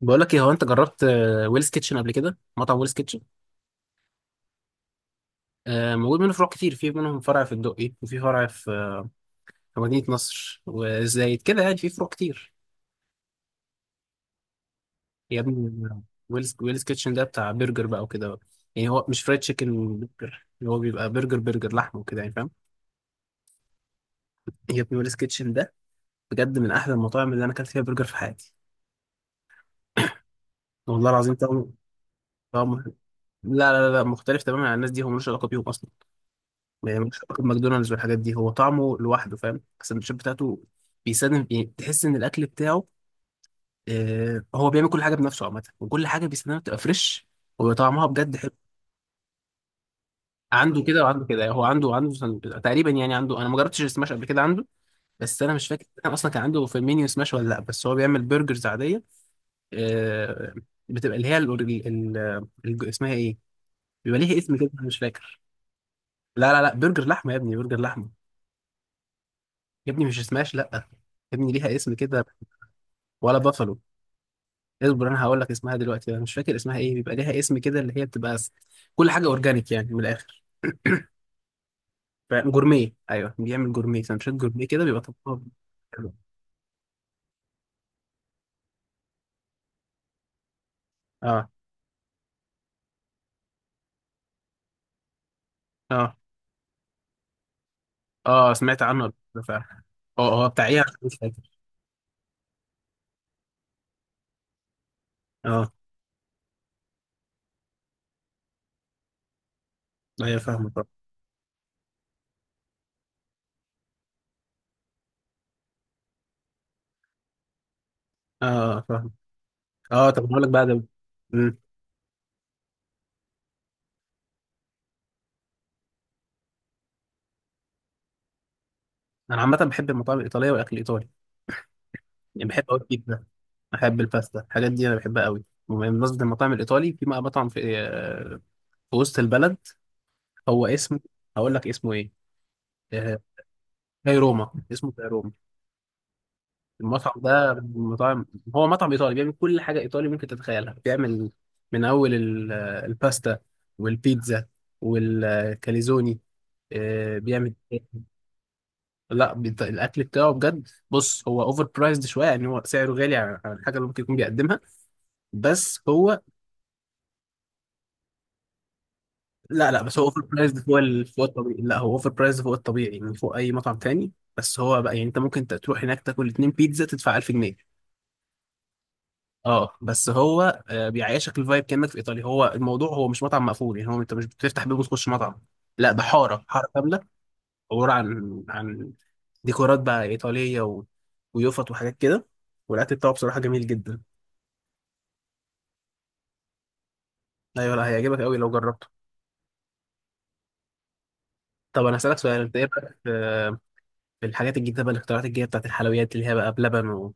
بقول لك ايه؟ هو انت جربت ويلز كيتشن قبل كده، مطعم ويلز كيتشن؟ موجود منه فروع كتير، في منهم فرع في الدقي وفي فرع في مدينة نصر وزايد كده، يعني في فروع كتير. يا ابني، ويلز كيتشن ده بتاع برجر بقى وكده، يعني هو مش فرايد تشيكن برجر، اللي هو بيبقى برجر لحمه وكده، يعني فاهم. يا ابني، ويلز كيتشن ده بجد من احلى المطاعم اللي انا اكلت فيها برجر في حياتي. والله العظيم طعمه، طعمه، لا لا لا لا، مختلف تماما عن الناس دي، هو ملوش علاقة بيهم اصلا. يعني مش واخد ماكدونالدز والحاجات دي، هو طعمه لوحده، فاهم؟ السندوتشات بتاعته بيساندم، يعني تحس ان الاكل بتاعه، آه، هو بيعمل كل حاجه بنفسه عامه، وكل حاجه بيساندها بتبقى فريش، وطعمها بجد حلو. عنده كده وعنده كده، يعني هو عنده تقريبا، يعني عنده، انا ما جربتش السماش قبل كده عنده، بس انا مش فاكر كان اصلا كان عنده في المنيو سماش ولا لا، بس هو بيعمل برجرز عاديه. آه بتبقى اللي هي ال ال ال اسمها ايه؟ بيبقى ليها اسم كده، أنا مش فاكر. لا لا لا، برجر لحمه يا ابني، برجر لحمه. يا ابني مش سماش، لا يا ابني، ليها اسم كده. ولا بافالو. اصبر، انا هقول لك اسمها دلوقتي، انا مش فاكر اسمها ايه، بيبقى ليها اسم كده، اللي هي بتبقى كل حاجه اورجانيك، يعني من الاخر. جورميه، ايوه بيعمل جورميه، سندوتشات جورميه كده، بيبقى طبقها حلو. اه، اه، اه سمعت عنه قبل كده فعلا. اه هو بتاع ايه؟ عشان مش فاكر. اه، ايوه فاهمه طبعا. اه فاهم. اه، طب هقول لك بقى ده. مم. انا عامه بحب المطاعم الايطاليه والاكل الايطالي، يعني بحب قوي البيتزا، بحب الباستا، الحاجات دي انا بحبها قوي. وبمناسبه المطاعم الايطالي، في بقى مطعم في وسط البلد، هو اسمه، هقول لك اسمه ايه. آه، زي روما، اسمه زي روما. المطعم ده من مطاعم، هو مطعم ايطالي، بيعمل كل حاجه ايطالي ممكن تتخيلها. بيعمل من اول الباستا والبيتزا والكاليزوني. بيعمل إيه؟ لا الاكل بتاعه بجد، بص هو اوفر برايزد شويه، يعني هو سعره غالي عن الحاجه اللي ممكن يكون بيقدمها. بس هو، لا لا، بس هو اوفر برايزد فوق فوق الطبيعي. لا، هو اوفر برايزد فوق الطبيعي، يعني فوق اي مطعم تاني. بس هو بقى، يعني انت ممكن تروح هناك تاكل اتنين بيتزا تدفع 1000 جنيه. اه بس هو بيعيشك الفايب كانك في ايطاليا. هو الموضوع، هو مش مطعم مقفول، يعني هو انت مش بتفتح باب وتخش مطعم، لا ده حاره حاره كامله، عباره عن ديكورات بقى ايطاليه و... ويوفط وحاجات كده، والاكل بتاعه بصراحه جميل جدا. ايوه لا، هيعجبك قوي لو جربته. طب انا هسالك سؤال، انت ايه رايك في الحاجات الجديده بقى، الاختراعات الجديده بتاعت الحلويات، اللي هي بقى بلبن و...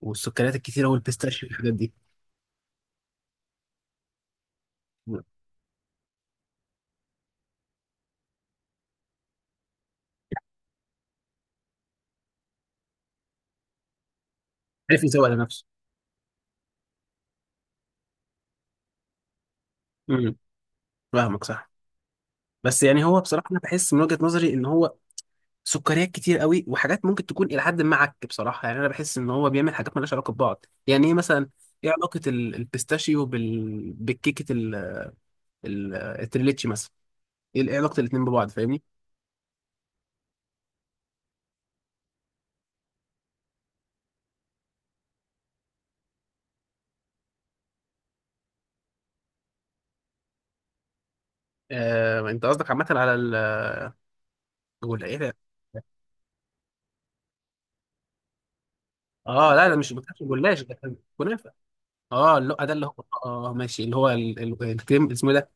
والسكريات الكتيره والبيستاشيو والحاجات دي؟ عارف يسوق على نفسه. امم فاهمك صح. بس يعني هو بصراحه، انا بحس من وجهه نظري ان هو سكريات كتير قوي، وحاجات ممكن تكون الى حد ما عك بصراحه. يعني انا بحس ان هو بيعمل حاجات مالهاش علاقه ببعض، يعني ايه مثلا؟ ايه علاقه البيستاشيو بالكيكه التريليتشي مثلا؟ إيه علاقه الاتنين ببعض، فاهمني؟ انت قصدك عامه على الجلاش، ايه ده؟ اه، لا لا، مش ما كانش جلاش، ده كان كنافه. اه اللقه ده، اللي هو اه ماشي، اللي هو الكريم اسمه إيه ده،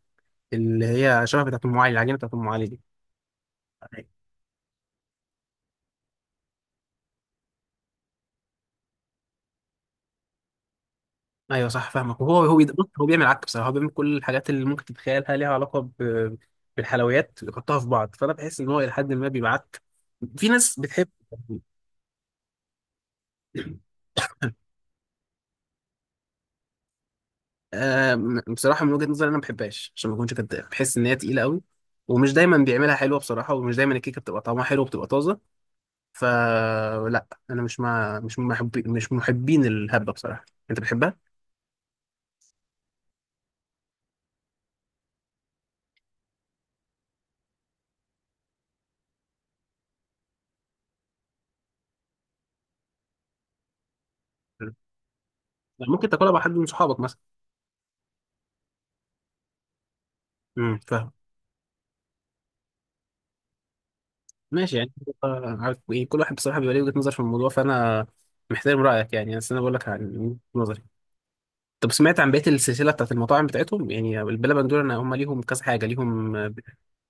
اللي هي شبه بتاعت ام علي، العجينه بتاعت ام علي دي. ايوه صح فاهمك. وهو بص، هو بيعمل عك بصراحه. هو بيعمل كل الحاجات اللي ممكن تتخيلها ليها علاقه بالحلويات، يحطها في بعض، فانا بحس ان هو الى حد ما بيبعت، في ناس بتحب. آه بصراحه من وجهه نظري، انا ما بحبهاش عشان ما اكونش كداب، بحس ان هي تقيله قوي، ومش دايما بيعملها حلوه بصراحه، ومش دايما الكيكه بتبقى طعمها حلو وبتبقى طازه. فلا، انا مش من محبين الهبه بصراحه. انت بتحبها؟ مم. ممكن تاكلها مع حد من صحابك مثلا. فاهم. ماشي يعني. عارف إيه، كل واحد بصراحة بيبقى ليه وجهة نظر في الموضوع، فأنا محترم رأيك يعني، بس أنا بقول لك عن وجهة نظري. طب سمعت عن بقية السلسلة بتاعت المطاعم بتاعتهم، يعني البلبن دول؟ أنا هم ليهم كذا حاجة ليهم،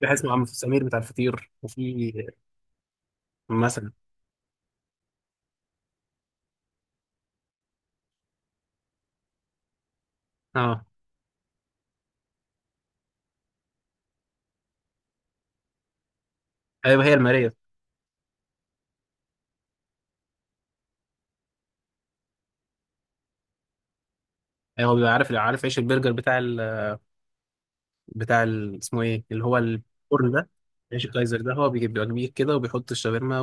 في حاجة اسمه عم سمير بتاع الفطير، وفي، مثلا. اه. أيوه هي المارية. أيوه، هو بيبقى عارف عيش البرجر اسمه إيه، اللي هو الفرن ده، عيش الكايزر ده. هو بيبقى كبير كده، وبيحط الشاورما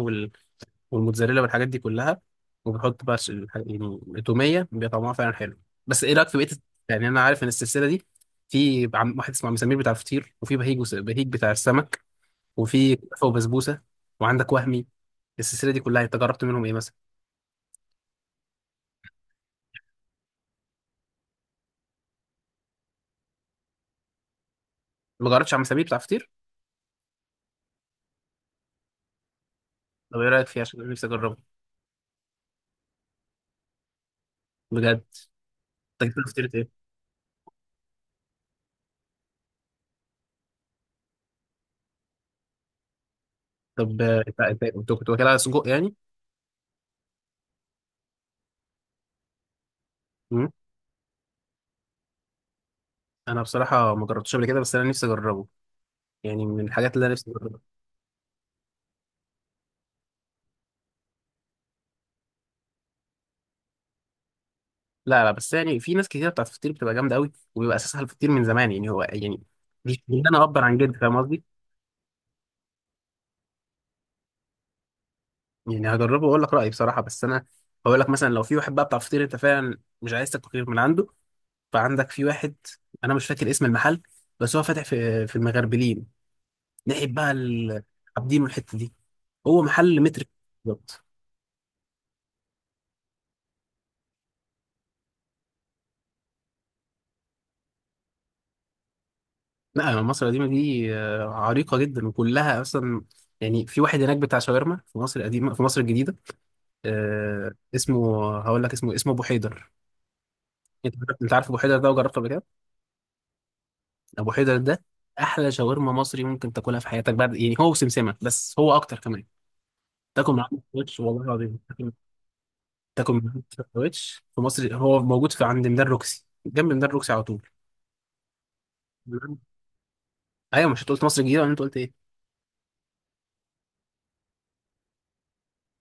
والموتزاريلا والحاجات دي كلها، وبيحط بقى يعني التوميه، بيبقى طعمها فعلا حلو. بس ايه رايك في بقيه يعني انا عارف ان السلسله دي، في واحد اسمه عم سمير بتاع الفطير، وفي بهيج بتاع السمك، وفي كنافه وبسبوسه، وعندك وهمي. السلسله دي كلها انت جربت منهم ايه مثلا؟ ما جربتش عم سمير بتاع الفطير. طب ايه رايك فيه عشان أنا نفسي اجربه؟ بجد؟ انت جبت له فطيره ايه؟ طب أنت كنت واكلها سجق يعني؟ مم. انا بصراحه ما جربتش قبل كده، بس انا نفسي اجربه، يعني من الحاجات اللي انا نفسي. لا لا، بس يعني في ناس كتير بتاعت الفطير بتبقى جامده قوي، وبيبقى اساسها الفطير من زمان، يعني هو يعني مش إن انا اكبر عن جد، فاهم قصدي؟ يعني هجربه واقول لك رايي بصراحه. بس انا هقول لك مثلا، لو في واحد بقى بتاع فطير انت فعلا مش عايز تاكل غير من عنده، فعندك في واحد، انا مش فاكر اسم المحل، بس هو فاتح في المغربلين، ناحيه بقى عابدين والحته دي. هو محل متر بالظبط. لا، يعني مصر القديمه دي عريقه جدا وكلها اصلا، يعني في واحد هناك بتاع شاورما في مصر القديمه، في مصر الجديده، اسمه، هقول لك اسمه ابو حيدر. انت عارف أنت عارف ابو حيدر ده وجربته قبل كده؟ ابو حيدر ده احلى شاورما مصري ممكن تاكلها في حياتك، بعد يعني هو وسمسمه، بس هو اكتر كمان. تاكل معاه سندوتش، والله العظيم تاكل معاه سندوتش في مصر. هو موجود في عند ميدان روكسي، جنب ميدان روكسي على طول. ايوه، مش انت قلت مصر الجديده، ولا انت قلت ايه؟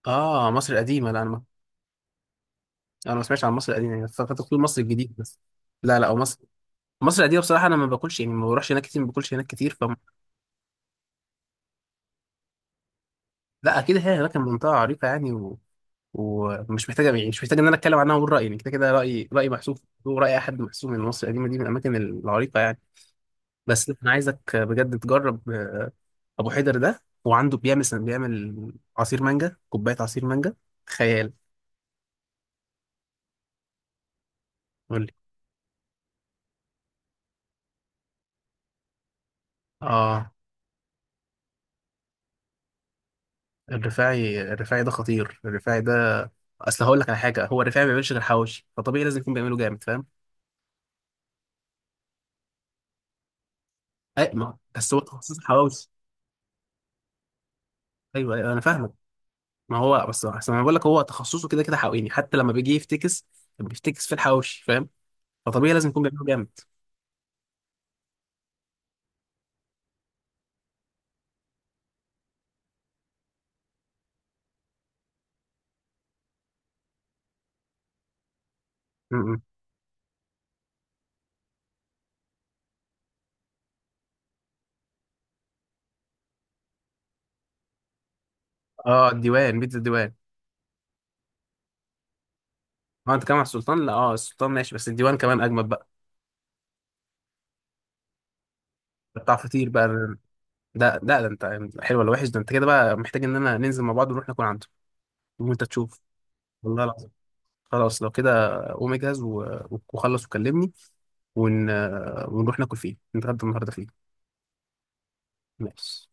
اه مصر القديمه، لا انا ما سمعتش عن مصر القديمه، يعني فكرت تقول مصر الجديده بس. لا لا، أو مصر القديمه بصراحه انا ما باكلش، يعني ما بروحش هناك كتير، ما باكلش هناك كتير لا اكيد هي هناك، المنطقه عريقه يعني، ومش محتاجه، يعني مش محتاج ان انا اتكلم عنها واقول رايي، يعني كده كده رايي، رايي محسوب، وراي اي حد محسوب من مصر القديمه دي، من الاماكن العريقه يعني. بس انا عايزك بجد تجرب ابو حيدر ده، وعنده بيعمل عصير مانجا، كوبايه عصير مانجا خيال. قول لي. اه الرفاعي ده خطير، الرفاعي ده اصل هقول لك على حاجه، هو الرفاعي ما بيعملش غير حواوشي، فطبيعي لازم يكون بيعمله جامد، فاهم. اي ما بس، هو تخصص حواوشي. ايوه أيوة، انا فاهمك. ما هو بس انا بقول لك هو تخصصه كده كده حقيقي، حتى لما بيجي يفتكس بيفتكس في الحواوشي، فاهم؟ فطبيعي لازم يكون بيعمله جامد. م- م. اه الديوان، بيتزا الديوان. اه انت كمان على السلطان؟ لا، اه السلطان ماشي، بس الديوان كمان اجمد بقى، بتاع فطير بقى ده. لا ده، انت حلو ولا وحش ده؟ انت كده بقى محتاج ان انا ننزل مع بعض ونروح ناكل عنده، وانت تشوف. والله العظيم، خلاص لو كده، قوم اجهز وخلص وكلمني، ون... ونروح ناكل فيه، نتغدى النهارده فيه. ماشي.